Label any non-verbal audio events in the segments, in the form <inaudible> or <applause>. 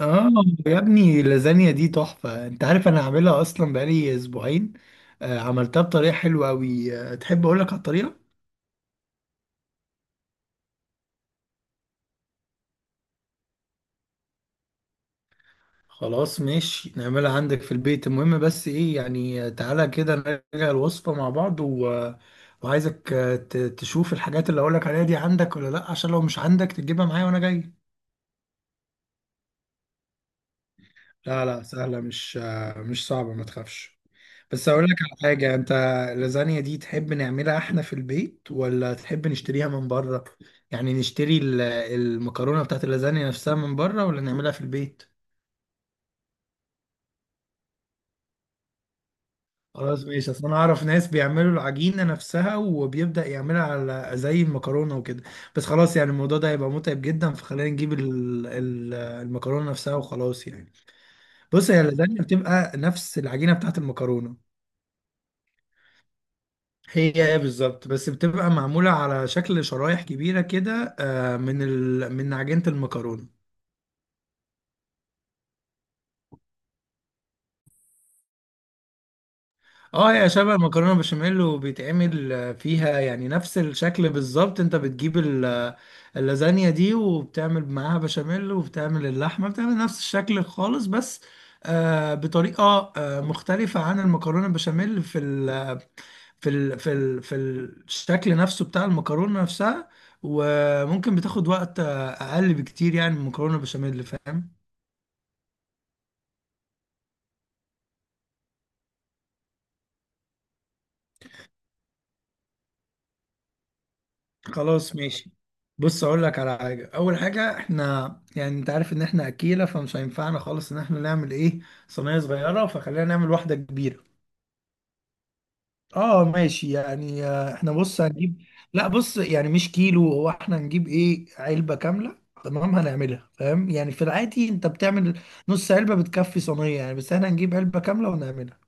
اه. يا ابني اللازانيا دي تحفة، انت عارف انا عاملها اصلا بقالي اسبوعين. عملتها بطريقة حلوة اوي. تحب اقولك على الطريقة؟ خلاص ماشي، نعملها عندك في البيت. المهم بس ايه يعني، تعالى كده نراجع الوصفة مع بعض و... آه، وعايزك، تشوف الحاجات اللي اقولك عليها دي عندك ولا لا، عشان لو مش عندك تجيبها معايا وانا جاي. لا لا سهلة، مش صعبة ما تخافش. بس اقول لك على حاجه انت، اللازانيا دي تحب نعملها احنا في البيت ولا تحب نشتريها من بره؟ يعني نشتري المكرونه بتاعت اللازانيا نفسها من بره ولا نعملها في البيت؟ خلاص ماشي، اصل انا اعرف ناس بيعملوا العجينه نفسها وبيبدا يعملها على زي المكرونه وكده. بس خلاص يعني الموضوع ده هيبقى متعب جدا، فخلينا نجيب المكرونه نفسها وخلاص يعني. بص هي اللازانيا بتبقى نفس العجينه بتاعت المكرونه. هي ايه بالظبط، بس بتبقى معمولة على شكل شرايح كبيرة كده، من عجينة المكرونة. اه هي شبه المكرونة بشاميل، وبيتعمل فيها يعني نفس الشكل بالظبط. انت بتجيب اللازانيا دي وبتعمل معاها بشاميل وبتعمل اللحمة، بتعمل نفس الشكل خالص، بس بطريقة مختلفة عن المكرونة بشاميل في في ال في ال في الشكل نفسه بتاع المكرونة نفسها. وممكن بتاخد وقت أقل بكتير يعني من المكرونة البشاميل، فاهم؟ خلاص ماشي. بص أقول لك على حاجة. أول حاجة إحنا يعني أنت عارف إن إحنا أكيلة، فمش هينفعنا خالص إن إحنا نعمل إيه، صينية صغيرة، فخلينا نعمل واحدة كبيرة. اه ماشي يعني، احنا بص هنجيب. لا بص يعني مش كيلو، هو احنا هنجيب ايه، علبة كاملة. تمام، هنعملها. فاهم يعني في العادي انت بتعمل نص علبة بتكفي صينية يعني، بس احنا هنجيب علبة كاملة ونعملها.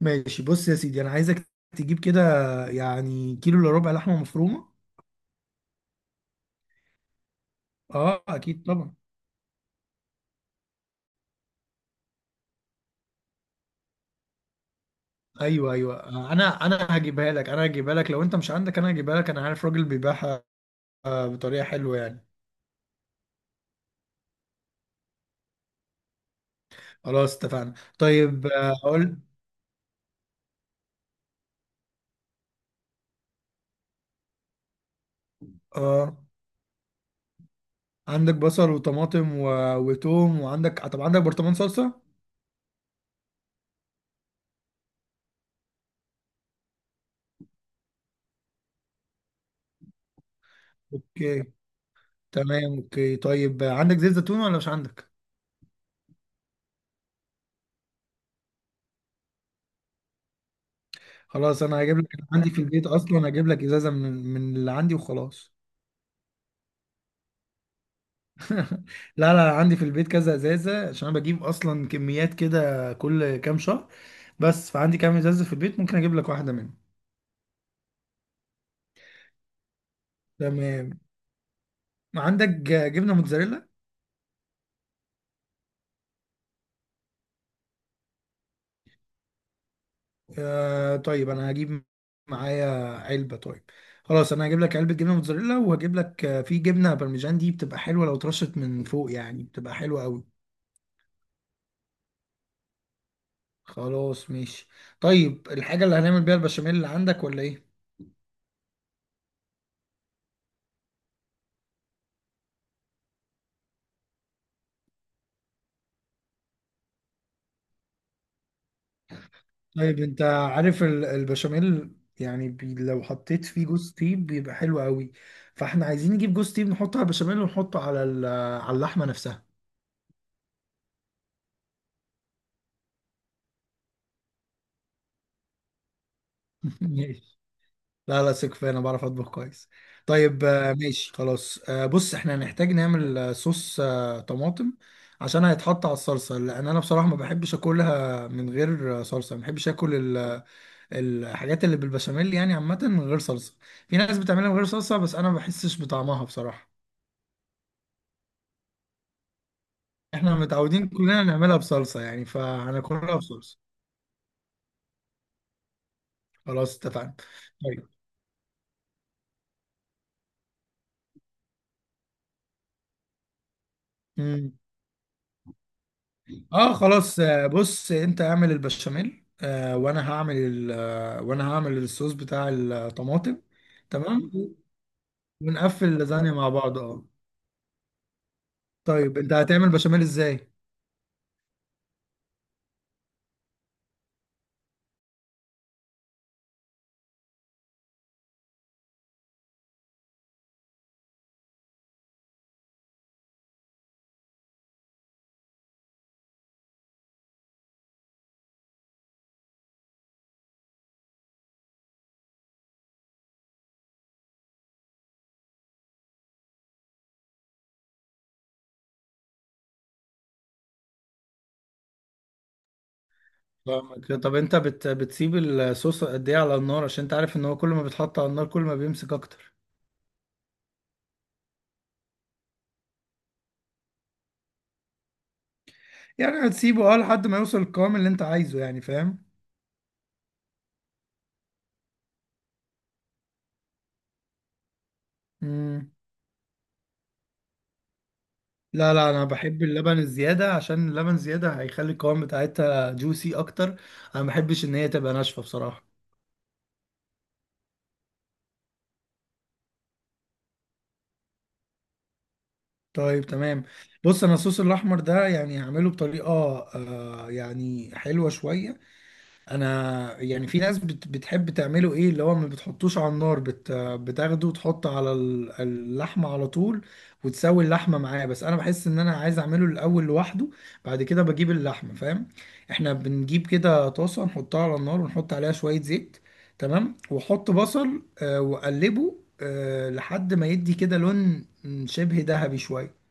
ماشي بص يا سيدي انا عايزك تجيب كده يعني كيلو الا ربع لحمة مفرومة. اه اكيد طبعا. ايوه ايوه، انا هجيبها لك، انا هجيبها لك لو انت مش عندك. انا هجيبها لك، انا عارف راجل بيبيعها بطريقة حلوة يعني. خلاص اتفقنا. طيب اقول. اه عندك بصل وطماطم وتوم، وعندك طب عندك برطمان صلصة؟ اوكي تمام اوكي. طيب عندك زيت زيتون ولا مش عندك؟ خلاص انا هجيب لك، أنا عندي في البيت اصلا، هجيب لك ازازة من اللي عندي وخلاص. <laughs> لا لا عندي في البيت كذا ازازة، عشان انا بجيب اصلا كميات كده كل كام شهر، بس فعندي كام ازازة في البيت، ممكن اجيب لك واحدة منهم. تمام. عندك جبنة موتزاريلا؟ آه طيب انا هجيب معايا علبه. طيب خلاص انا هجيب لك علبه جبنه موتزاريلا، وهجيب لك في جبنه بارميجان دي بتبقى حلوه لو اترشت من فوق، يعني بتبقى حلوه قوي. خلاص ماشي. طيب الحاجه اللي هنعمل بيها البشاميل اللي عندك ولا ايه؟ طيب انت عارف البشاميل يعني بي لو حطيت فيه جوز تيب بيبقى حلو قوي، فاحنا عايزين نجيب جوز تيب نحطه على البشاميل ونحطه على على اللحمه نفسها. <laughs> لا لا ثق فيا، انا بعرف اطبخ كويس. طيب ماشي خلاص. بص احنا هنحتاج نعمل صوص طماطم عشان هيتحط على الصلصه، لان انا بصراحه ما بحبش اكلها من غير صلصه. ما بحبش اكل الحاجات اللي بالبشاميل يعني عامه من غير صلصه. في ناس بتعملها من غير صلصه، بس انا ما بحسش بطعمها بصراحه. احنا متعودين كلنا نعملها بصلصه يعني، فهناكلها بصلصه. خلاص اتفقنا. طيب اه خلاص. بص انت اعمل البشاميل، وانا هعمل الصوص بتاع الطماطم. تمام ونقفل اللازانيا مع بعض اه. طيب انت هتعمل بشاميل ازاي؟ فاهمك. طب انت بتسيب الصوص قد ايه على النار؟ عشان انت عارف ان هو كل ما بيتحط على النار كل ما بيمسك اكتر. يعني هتسيبه اه لحد ما يوصل القوام اللي انت عايزه يعني، فاهم؟ مم. لا لا انا بحب اللبن الزياده، عشان اللبن الزياده هيخلي القوام بتاعتها جوسي اكتر. انا ما بحبش ان هي تبقى ناشفه بصراحه. طيب تمام. بص انا الصوص الاحمر ده يعني هعمله بطريقه يعني حلوه شويه. انا يعني في ناس بتحب تعمله ايه، اللي هو ما بتحطوش على النار، بتاخده وتحط على اللحمه على طول وتسوي اللحمه معاه. بس انا بحس ان انا عايز اعمله الاول لوحده، بعد كده بجيب اللحمه، فاهم؟ احنا بنجيب كده طاسه نحطها على النار ونحط عليها شويه زيت. تمام، واحط بصل واقلبه لحد ما يدي كده لون شبه ذهبي شويه.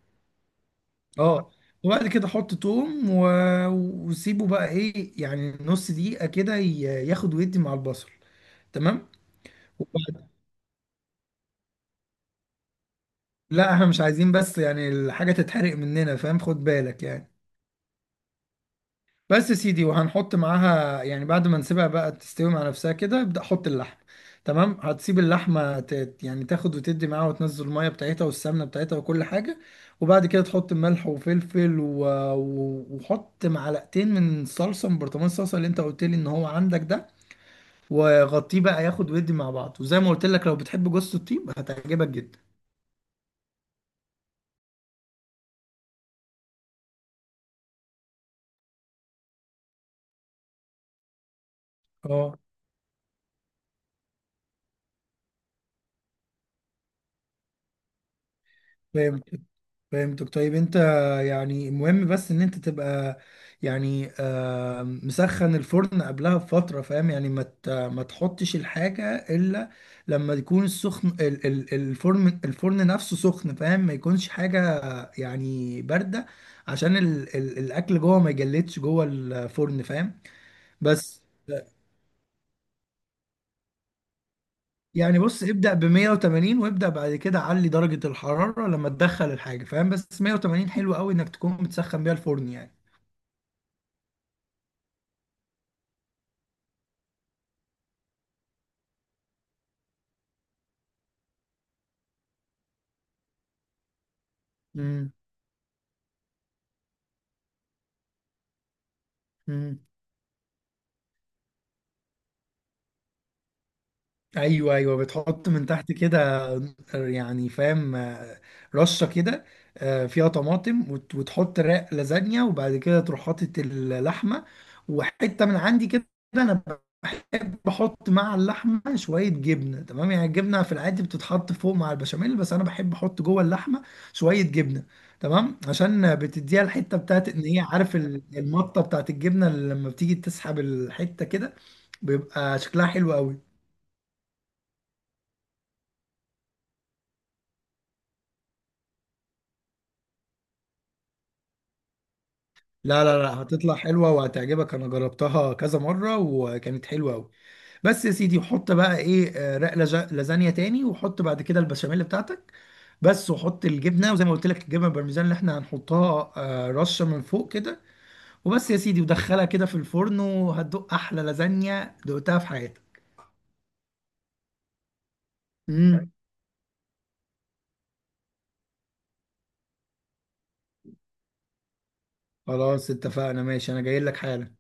اه. وبعد كده حط توم وسيبه بقى ايه يعني نص دقيقة كده ياخد ويدي مع البصل. تمام. وبعد... لا احنا مش عايزين بس يعني الحاجة تتحرق مننا، فاهم؟ خد بالك يعني. بس يا سيدي، وهنحط معاها يعني بعد ما نسيبها بقى تستوي مع نفسها كده، ابدأ حط اللحم. تمام، هتسيب اللحمة يعني تاخد وتدي معاها، وتنزل المية بتاعتها والسمنة بتاعتها وكل حاجة. وبعد كده تحط ملح وفلفل وحط معلقتين من الصلصة، من برطمان الصلصة اللي انت قلت لي ان هو عندك ده. وغطيه بقى ياخد ويدي مع بعض. وزي ما قلت لك لو بتحب جوز الطيب هتعجبك جدا. اه فاهم. فهمتك. طيب انت يعني مهم بس ان انت تبقى يعني مسخن الفرن قبلها بفترة، فاهم؟ يعني ما تحطش الحاجة الا لما يكون السخن الفرن نفسه سخن، فاهم؟ ما يكونش حاجة يعني باردة، عشان الاكل جوه ما يجلدش جوه الفرن، فاهم؟ بس يعني بص ابدأ ب 180، وابدأ بعد كده علي درجة الحرارة لما تدخل الحاجة، فاهم؟ بس 180 حلو قوي انك تكون متسخن بيها الفرن يعني. مم. ايوه ايوه بتحط من تحت كده يعني فاهم. رشه كده فيها طماطم، وتحط رق لازانيا، وبعد كده تروح حاطط اللحمه. وحته من عندي كده، انا بحب احط مع اللحمه شويه جبنه. تمام يعني الجبنه في العادي بتتحط فوق مع البشاميل، بس انا بحب احط جوه اللحمه شويه جبنه. تمام عشان بتديها الحته بتاعت ان هي، عارف المطه بتاعت الجبنه اللي لما بتيجي تسحب الحته كده بيبقى شكلها حلو قوي. لا لا لا، هتطلع حلوة وهتعجبك، أنا جربتها كذا مرة وكانت حلوة أوي. بس يا سيدي حط بقى إيه رق لازانيا تاني، وحط بعد كده البشاميل بتاعتك. بس وحط الجبنة، وزي ما قلت لك الجبنة البارميزان اللي إحنا هنحطها رشة من فوق كده. وبس يا سيدي ودخلها كده في الفرن، وهتدوق أحلى لازانيا دقتها في حياتك. امم خلاص اتفقنا ماشي، أنا جاي لك حالا.